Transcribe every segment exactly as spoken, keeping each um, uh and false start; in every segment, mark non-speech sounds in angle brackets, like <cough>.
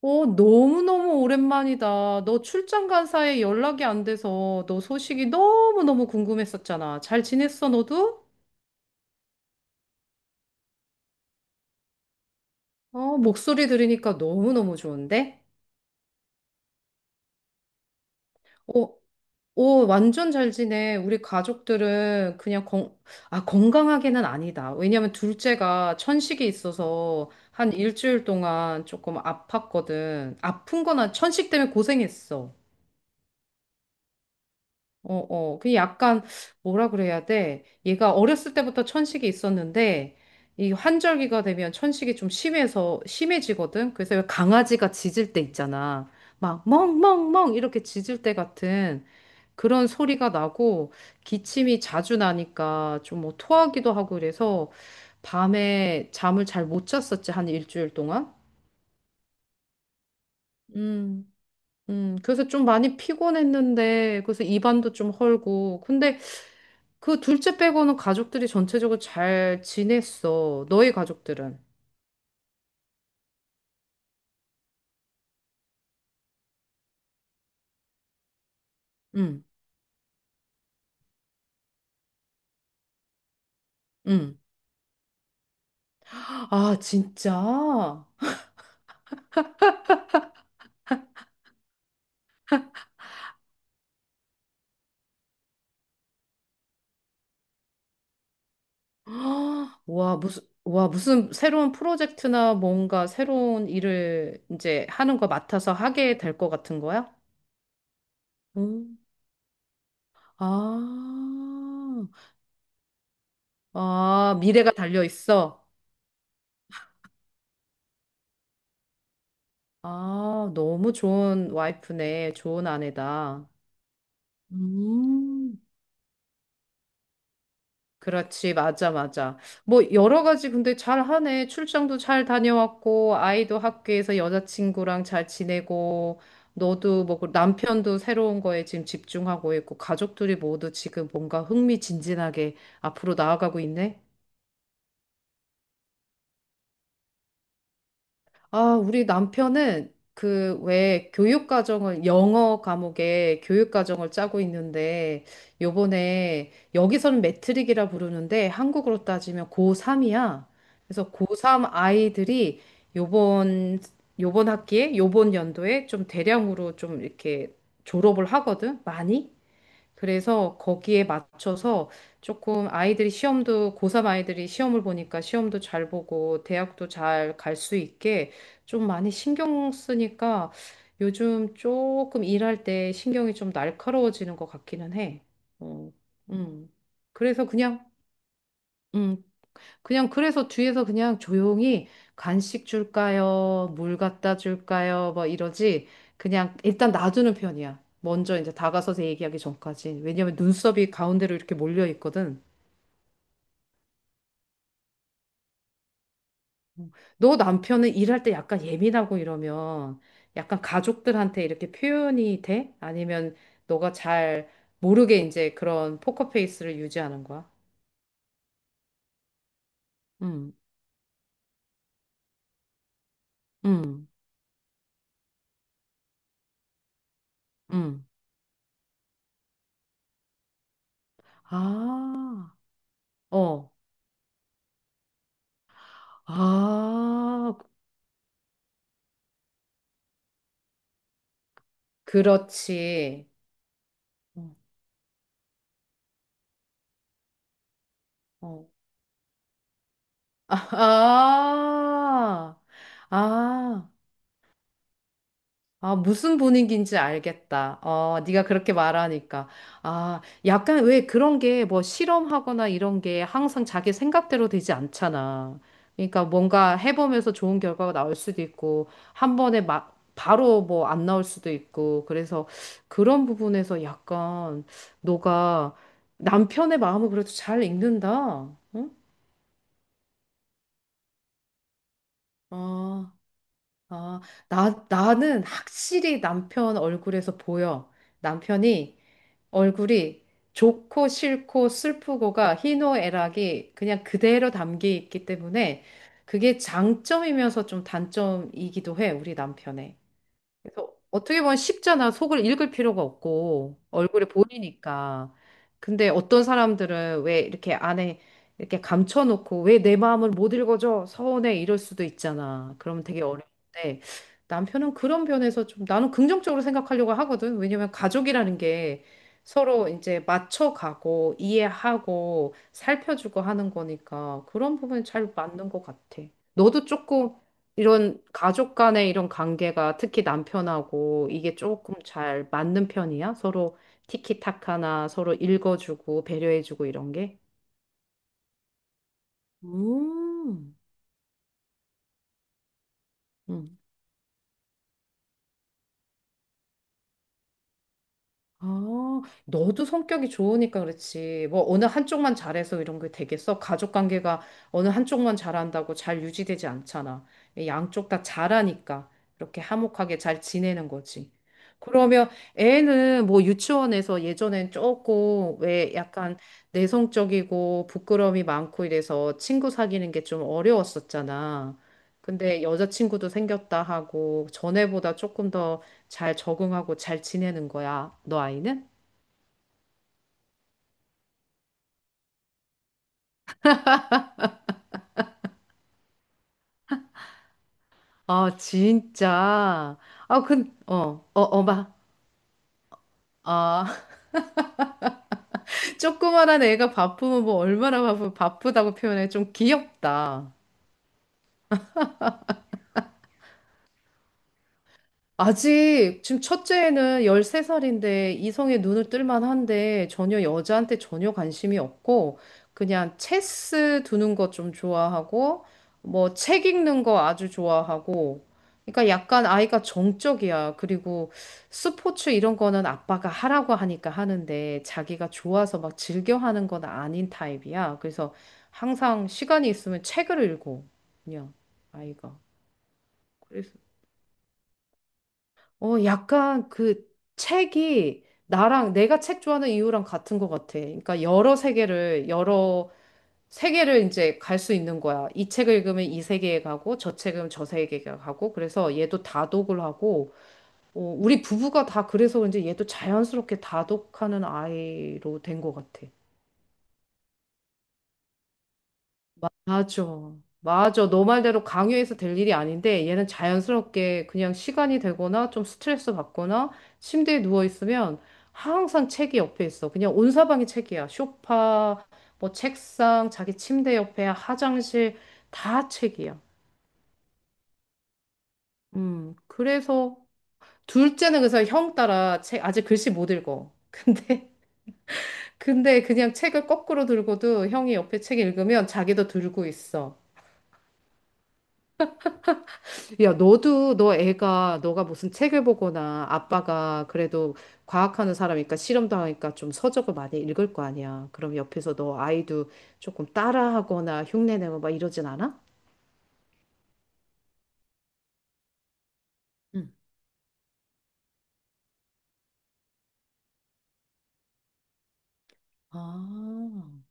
오, 너무너무 오랜만이다. 너 출장 간 사이에 연락이 안 돼서 너 소식이 너무너무 궁금했었잖아. 잘 지냈어, 너도? 어, 목소리 들으니까 너무너무 좋은데? 어, 오, 완전 잘 지내. 우리 가족들은 그냥 건, 아, 건강하게는 아니다. 왜냐면 둘째가 천식이 있어서 한 일주일 동안 조금 아팠거든. 아픈 거나 천식 때문에 고생했어. 어, 어. 그 약간, 뭐라 그래야 돼? 얘가 어렸을 때부터 천식이 있었는데, 이 환절기가 되면 천식이 좀 심해서, 심해지거든? 그래서 왜 강아지가 짖을 때 있잖아. 막, 멍멍멍! 이렇게 짖을 때 같은 그런 소리가 나고, 기침이 자주 나니까 좀 뭐 토하기도 하고 그래서, 밤에 잠을 잘 못 잤었지, 한 일주일 동안. 음, 음, 그래서 좀 많이 피곤했는데, 그래서 입안도 좀 헐고. 근데 그 둘째 빼고는 가족들이 전체적으로 잘 지냈어. 너희 가족들은. 응, 응. 아, 진짜? 아, 와, 무슨, 와, 무슨 새로운 프로젝트나 뭔가 새로운 일을 이제 하는 거 맡아서 하게 될 것 같은 거야? 응. 아, 아, 미래가 달려 있어. 아, 너무 좋은 와이프네. 좋은 아내다. 음. 그렇지, 맞아, 맞아. 뭐, 여러 가지 근데 잘 하네. 출장도 잘 다녀왔고, 아이도 학교에서 여자친구랑 잘 지내고, 너도 뭐그 남편도 새로운 거에 지금 집중하고 있고, 가족들이 모두 지금 뭔가 흥미진진하게 앞으로 나아가고 있네. 아, 우리 남편은 그 왜 교육과정을 영어 과목에 교육과정을 짜고 있는데 요번에 여기서는 매트릭이라 부르는데 한국으로 따지면 고삼이야. 그래서 고삼 아이들이 요번 요번 학기에 요번 연도에 좀 대량으로 좀 이렇게 졸업을 하거든. 많이. 그래서 거기에 맞춰서 조금 아이들이 시험도, 고삼 아이들이 시험을 보니까 시험도 잘 보고 대학도 잘 갈 수 있게 좀 많이 신경 쓰니까 요즘 조금 일할 때 신경이 좀 날카로워지는 것 같기는 해. 어, 음. 그래서 그냥, 음, 그냥 그래서 뒤에서 그냥 조용히 간식 줄까요? 물 갖다 줄까요? 뭐 이러지. 그냥 일단 놔두는 편이야. 먼저 이제 다가서서 얘기하기 전까지. 왜냐면 눈썹이 가운데로 이렇게 몰려 있거든. 너 남편은 일할 때 약간 예민하고 이러면 약간 가족들한테 이렇게 표현이 돼? 아니면 너가 잘 모르게 이제 그런 포커페이스를 유지하는 거야? 음, 음, 음. 아, 어. 아, 그렇지. 어, 어. 아, 아, 아, 무슨 분위기인지 알겠다. 어, 네가 그렇게 말하니까. 아, 약간 왜 그런 게 뭐 실험하거나 이런 게 항상 자기 생각대로 되지 않잖아. 그러니까 뭔가 해보면서 좋은 결과가 나올 수도 있고, 한 번에 막 바로 뭐 안 나올 수도 있고, 그래서 그런 부분에서 약간 너가 남편의 마음을 그래도 잘 읽는다. 응? 아. 아, 나, 나는 확실히 남편 얼굴에서 보여. 남편이 얼굴이 좋고 싫고 슬프고가 희노애락이 그냥 그대로 담겨 있기 때문에 그게 장점이면서 좀 단점이기도 해, 우리 남편의. 그래서 어떻게 보면 쉽잖아. 속을 읽을 필요가 없고 얼굴에 보이니까. 근데 어떤 사람들은 왜 이렇게 안에 이렇게 감춰놓고 왜 내 마음을 못 읽어줘? 서운해 이럴 수도 있잖아. 그러면 되게 어려운데 남편은 그런 면에서 좀 나는 긍정적으로 생각하려고 하거든. 왜냐면 가족이라는 게 서로 이제 맞춰가고 이해하고 살펴주고 하는 거니까 그런 부분이 잘 맞는 것 같아. 너도 조금 이런 가족 간의 이런 관계가 특히 남편하고 이게 조금 잘 맞는 편이야? 서로 티키타카나 서로 읽어주고 배려해주고 이런 게? 음. 아, 너도 성격이 좋으니까 그렇지. 뭐 어느 한쪽만 잘해서 이런 게 되겠어? 가족 관계가 어느 한쪽만 잘한다고 잘 유지되지 않잖아. 양쪽 다 잘하니까 이렇게 화목하게 잘 지내는 거지. 그러면 애는 뭐 유치원에서 예전엔 조금 왜 약간 내성적이고 부끄러움이 많고 이래서 친구 사귀는 게 좀 어려웠었잖아. 근데 여자친구도 생겼다 하고 전에보다 조금 더 잘 적응하고 잘 지내는 거야. 너 아이는? 아, 진짜. 아, 근, 어, 어, 어마. 아, <laughs> 조그만한 애가 바쁘면 뭐 얼마나 바쁘, 바쁘다고 표현해. 좀 귀엽다. 아직 지금 첫째는 열세 살인데 이성의 눈을 뜰만 한데 전혀 여자한테 전혀 관심이 없고 그냥 체스 두는 거 좀 좋아하고 뭐 책 읽는 거 아주 좋아하고 그러니까 약간 아이가 정적이야. 그리고 스포츠 이런 거는 아빠가 하라고 하니까 하는데 자기가 좋아서 막 즐겨 하는 건 아닌 타입이야. 그래서 항상 시간이 있으면 책을 읽고 그냥 아이가. 어, 약간 그 책이 나랑 내가 책 좋아하는 이유랑 같은 것 같아. 그러니까 여러 세계를 여러 세계를 이제 갈 수 있는 거야. 이 책을 읽으면 이 세계에 가고 저 책은 저 세계에 가고 그래서 얘도 다독을 하고 어, 우리 부부가 다 그래서 이제 얘도 자연스럽게 다독하는 아이로 된 것 같아. 맞아. 맞아. 너 말대로 강요해서 될 일이 아닌데 얘는 자연스럽게 그냥 시간이 되거나 좀 스트레스 받거나 침대에 누워 있으면 항상 책이 옆에 있어. 그냥 온 사방이 책이야. 소파, 뭐 책상, 자기 침대 옆에 화장실 다 책이야. 음. 그래서 둘째는 그래서 형 따라 책 아직 글씨 못 읽어. 근데 <laughs> 근데 그냥 책을 거꾸로 들고도 형이 옆에 책 읽으면 자기도 들고 있어. 야, 너도, 너 애가, 너가 무슨 책을 보거나 아빠가 그래도 과학하는 사람이니까 실험도 하니까 좀 서적을 많이 읽을 거 아니야. 그럼 옆에서 너 아이도 조금 따라하거나 흉내내고 막 이러진 않아? 응. 아.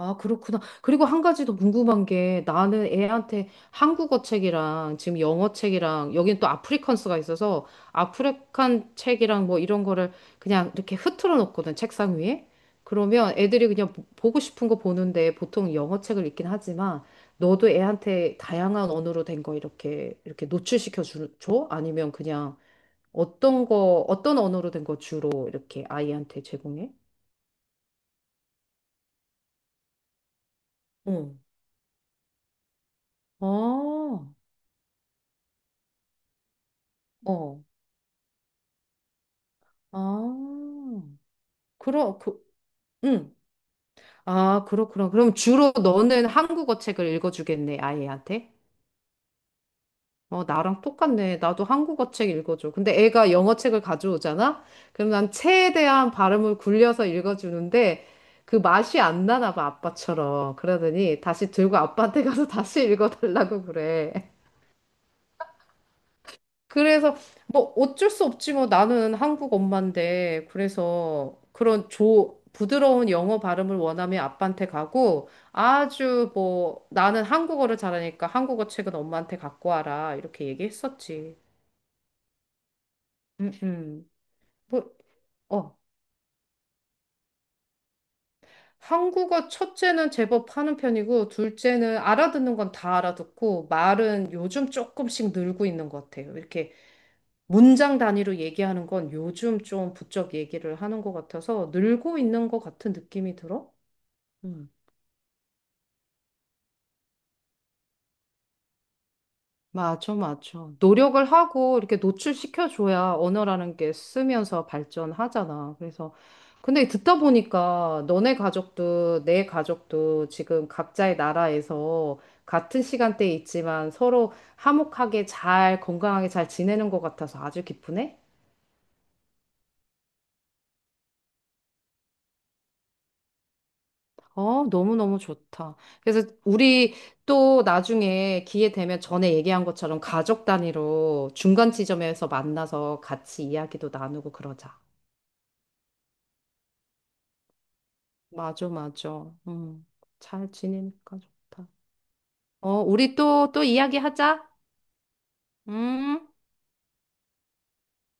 아, 그렇구나. 그리고 한 가지 더 궁금한 게 나는 애한테 한국어 책이랑 지금 영어 책이랑 여긴 또 아프리칸스가 있어서 아프리칸 책이랑 뭐 이런 거를 그냥 이렇게 흐트러 놓거든, 책상 위에. 그러면 애들이 그냥 보- 보고 싶은 거 보는데 보통 영어 책을 읽긴 하지만 너도 애한테 다양한 언어로 된거 이렇게 이렇게 노출시켜 주, 줘? 아니면 그냥 어떤 거, 어떤 언어로 된거 주로 이렇게 아이한테 제공해? 응. 아. 어. 아, 그러, 그, 응. 아, 그렇구나. 그럼 주로 너는 한국어 책을 읽어주겠네, 아이한테? 어, 나랑 똑같네. 나도 한국어 책 읽어줘. 근데 애가 영어 책을 가져오잖아? 그럼 난 체에 대한 발음을 굴려서 읽어주는데 그 맛이 안 나나 봐, 아빠처럼. 그러더니 다시 들고 아빠한테 가서 <laughs> 다시 읽어달라고 그래. 그래서 뭐 어쩔 수 없지 뭐 나는 한국 엄마인데 그래서 그런 조 부드러운 영어 발음을 원하면 아빠한테 가고 아주 뭐 나는 한국어를 잘하니까 한국어 책은 엄마한테 갖고 와라 이렇게 얘기했었지. 음, 음. 뭐, 어. 한국어 첫째는 제법 하는 편이고 둘째는 알아듣는 건 다 알아듣고 말은 요즘 조금씩 늘고 있는 것 같아요. 이렇게 문장 단위로 얘기하는 건 요즘 좀 부쩍 얘기를 하는 것 같아서 늘고 있는 것 같은 느낌이 들어? 음, 맞아, 맞아. 노력을 하고 이렇게 노출시켜줘야 언어라는 게 쓰면서 발전하잖아. 그래서, 근데 듣다 보니까 너네 가족도 내 가족도 지금 각자의 나라에서 같은 시간대에 있지만 서로 화목하게 잘, 건강하게 잘 지내는 것 같아서 아주 기쁘네? 어, 너무너무 좋다. 그래서 우리 또 나중에 기회 되면 전에 얘기한 것처럼 가족 단위로 중간 지점에서 만나서 같이 이야기도 나누고 그러자. 맞아, 맞아. 음, 잘 지내니까 좋다. 어, 우리 또, 또 이야기하자. 음.